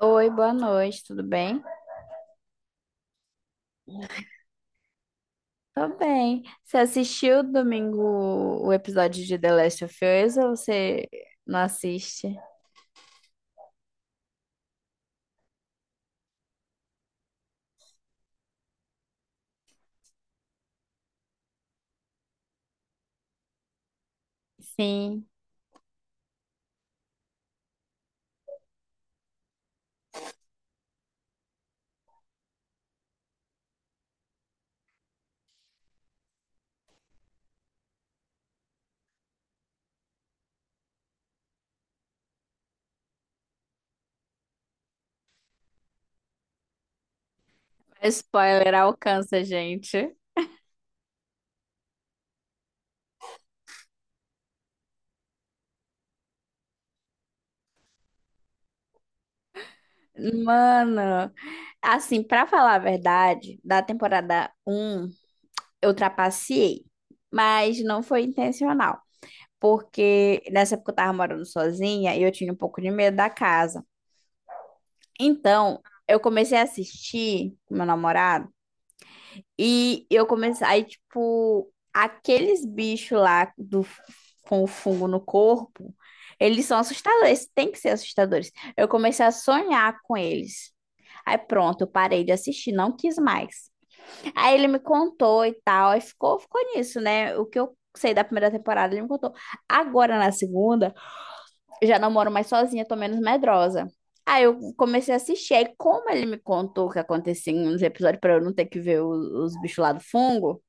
Oi, boa noite, tudo bem? Tô bem. Você assistiu domingo o episódio de The Last of Us ou você não assiste? Sim, spoiler alcança a gente. Mano, assim, pra falar a verdade, da temporada um eu trapaceei, mas não foi intencional, porque nessa época eu tava morando sozinha e eu tinha um pouco de medo da casa. Então, eu comecei a assistir com meu namorado. E eu comecei, aí, tipo, aqueles bichos lá do, com o fungo no corpo, eles são assustadores, tem que ser assustadores. Eu comecei a sonhar com eles. Aí pronto, eu parei de assistir, não quis mais. Aí ele me contou e tal, aí ficou nisso, né? O que eu sei da primeira temporada, ele me contou. Agora na segunda, já não moro mais sozinha, tô menos medrosa. Aí eu comecei a assistir, aí como ele me contou o que acontecia nos episódios pra eu não ter que ver os bichos lá do fungo,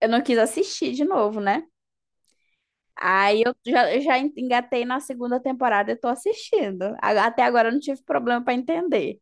eu não quis assistir de novo, né? Aí eu já engatei na segunda temporada e tô assistindo. Até agora eu não tive problema pra entender.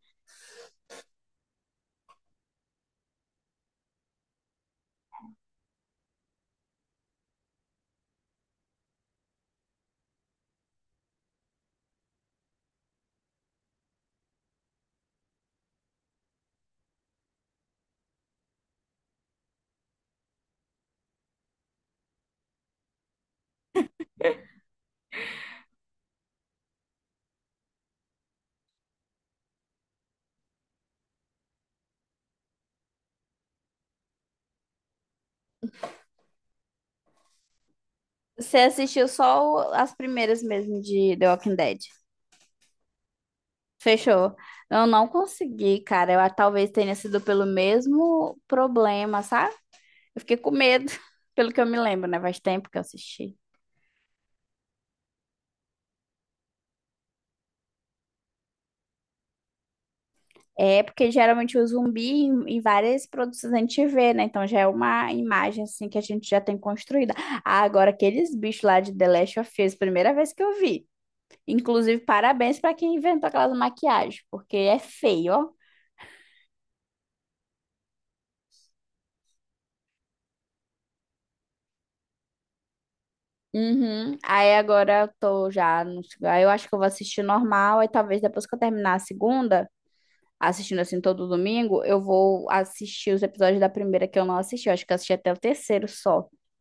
Você assistiu só as primeiras mesmo de The Walking Dead? Fechou. Eu não consegui, cara. Eu talvez tenha sido pelo mesmo problema, sabe? Eu fiquei com medo, pelo que eu me lembro, né? Faz tempo que eu assisti. É porque geralmente o zumbi em várias produções a gente vê, né? Então já é uma imagem assim que a gente já tem construída. Ah, agora aqueles bichos lá de The Last of Us, primeira vez que eu vi. Inclusive, parabéns pra quem inventou aquelas maquiagens, porque é feio, ó. Uhum. Aí agora eu tô já no... Aí eu acho que eu vou assistir normal, aí talvez depois que eu terminar a segunda, assistindo assim todo domingo, eu vou assistir os episódios da primeira que eu não assisti. Eu acho que eu assisti até o terceiro só.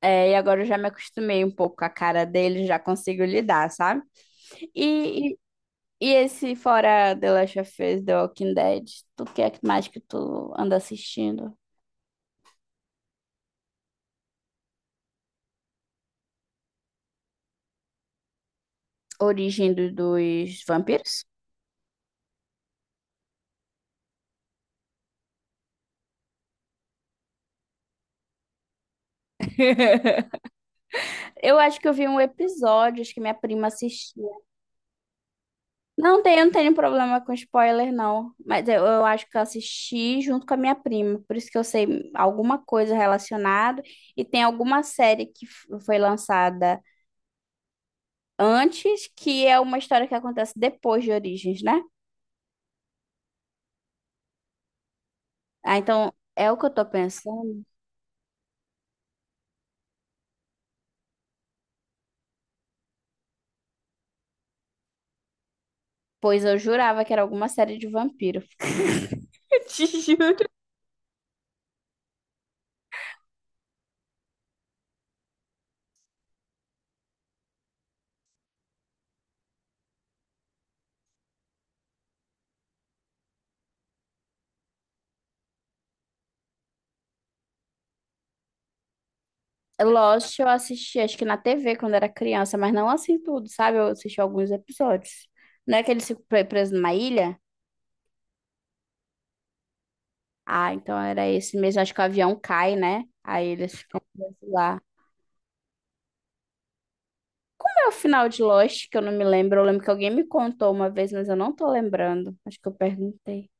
É, é, e agora eu já me acostumei um pouco com a cara dele, já consigo lidar, sabe? E, e, e esse fora The Last of Us, The Walking Dead, tu que é que mais que tu anda assistindo? Origem dos vampiros? Eu acho que eu vi um episódio, acho que minha prima assistiu. Não tenho problema com spoiler, não. Mas eu acho que eu assisti junto com a minha prima. Por isso que eu sei alguma coisa relacionada. E tem alguma série que foi lançada antes, que é uma história que acontece depois de Origens, né? Ah, então é o que eu tô pensando. Pois eu jurava que era alguma série de vampiro. Eu te juro. Lost eu assisti, acho que na TV quando era criança, mas não assim tudo, sabe? Eu assisti alguns episódios. Não é que eles ficam presos numa ilha? Ah, então era esse mesmo. Acho que o avião cai, né? Aí eles ficam presos lá. É o final de Lost, que eu não me lembro. Eu lembro que alguém me contou uma vez, mas eu não tô lembrando. Acho que eu perguntei.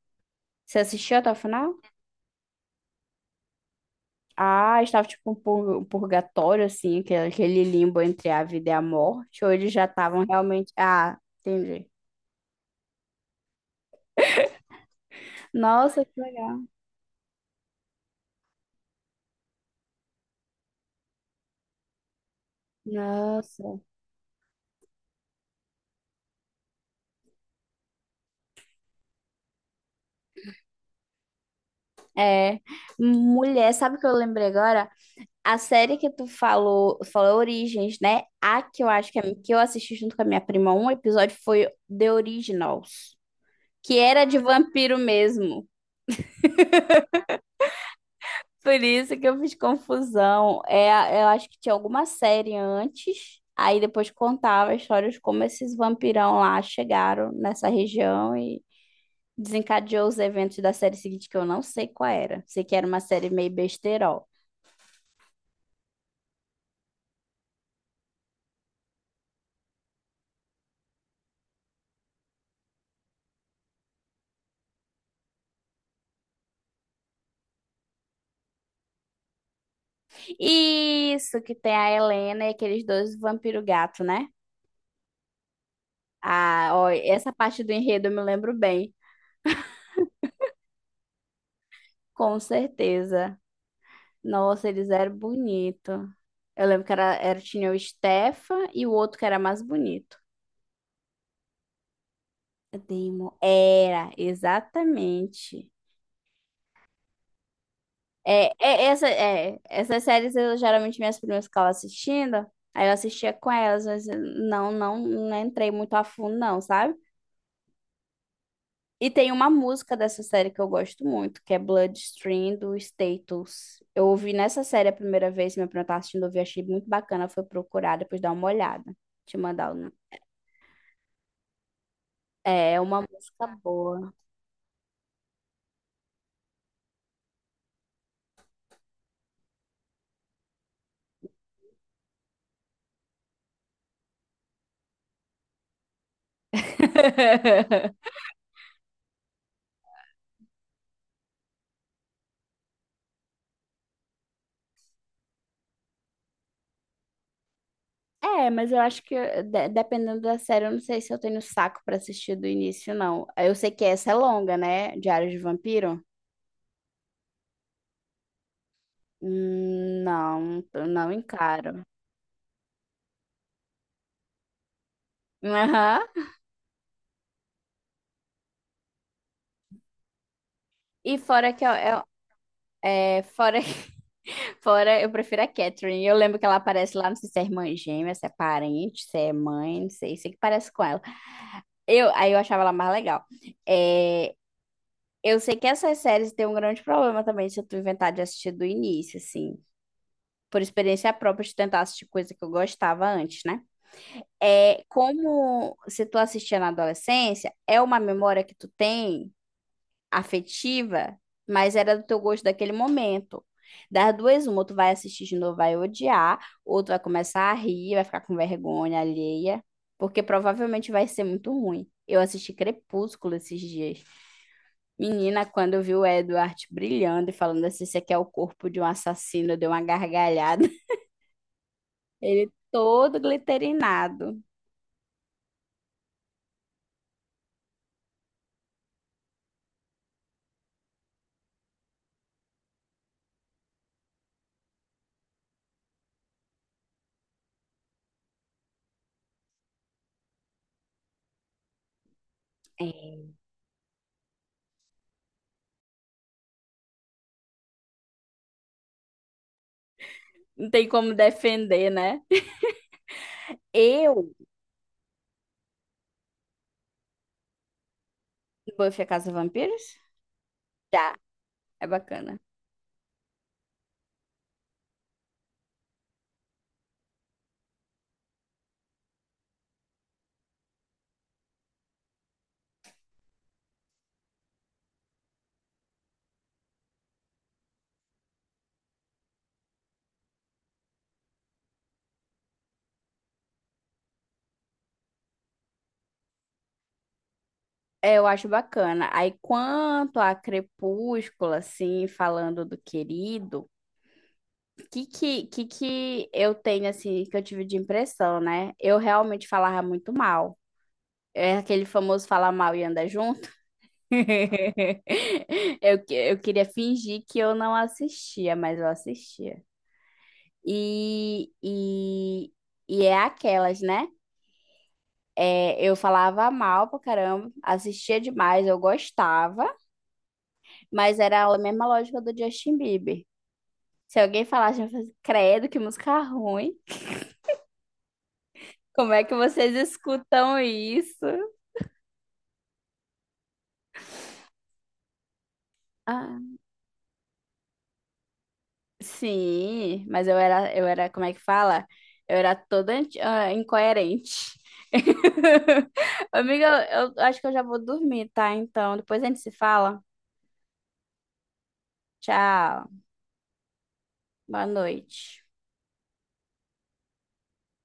Você assistiu até o final? Ah, estava tipo um um purgatório, assim, aquele limbo entre a vida e a morte. Ou eles já estavam realmente. Ah, entendi. Nossa, que legal. Nossa. É, mulher, sabe o que eu lembrei agora? A série que tu falou, falou Origens, né? A que eu acho que, é, que eu assisti junto com a minha prima, um episódio foi The Originals, que era de vampiro mesmo. Por isso que eu fiz confusão. É, eu acho que tinha alguma série antes, aí depois contava a história de como esses vampirão lá chegaram nessa região e desencadeou os eventos da série seguinte, que eu não sei qual era. Sei que era uma série meio besterol. Isso, que tem a Helena e aqueles dois vampiro gato, né? Ah, ó, essa parte do enredo eu me lembro bem, com certeza. Nossa, eles eram bonitos. Eu lembro que era, tinha o Stefan e o outro que era mais bonito. Demo. Era, exatamente. Essas séries eu geralmente minhas primas ficavam assistindo, aí eu assistia com elas, mas eu não entrei muito a fundo, não, sabe? E tem uma música dessa série que eu gosto muito, que é Bloodstream do Status. Eu ouvi nessa série a primeira vez, meu primo tava assistindo, eu ouvi, achei muito bacana, foi procurar, depois dar uma olhada. Te mandar o nome. É é uma música boa. É, mas eu acho que dependendo da série, eu não sei se eu tenho saco pra assistir do início, não. Eu sei que essa é longa, né? Diário de Vampiro? Não, eu não encaro. Aham. E fora que é, fora fora, eu prefiro a Catherine. Eu lembro que ela aparece lá, não sei se é irmã gêmea, se é parente, se é mãe, não sei, sei que parece com ela. Eu, aí eu achava ela mais legal. É, eu sei que essas séries têm um grande problema também se tu inventar de assistir do início, assim, por experiência própria de tentar assistir coisa que eu gostava antes, né? É, como se tu assistia na adolescência, é uma memória que tu tem afetiva, mas era do teu gosto daquele momento. Das duas, uma, ou tu vai assistir de novo, vai odiar, ou tu vai começar a rir, vai ficar com vergonha alheia, porque provavelmente vai ser muito ruim. Eu assisti Crepúsculo esses dias. Menina, quando eu vi o Edward brilhando e falando assim, esse aqui é o corpo de um assassino, deu uma gargalhada. Ele todo glitterinado. É. Não tem como defender, né? Eu, Buffy a Casa dos Vampiros? Já, é bacana. É, eu acho bacana. Aí, quanto a Crepúsculo, assim, falando do querido, que eu tenho, assim, que eu tive de impressão, né? Eu realmente falava muito mal. É aquele famoso falar mal e andar junto. Eu, eu queria fingir que eu não assistia, mas eu assistia. E, e, e é aquelas, né? É, eu falava mal pra caramba, assistia demais, eu gostava. Mas era a mesma lógica do Justin Bieber. Se alguém falasse, eu ia fazer, credo, que música ruim. Como é que vocês escutam isso? Ah, sim, mas eu era, como é que fala? Eu era toda incoerente. Amiga, eu acho que eu já vou dormir, tá? Então, depois a gente se fala. Tchau. Boa noite.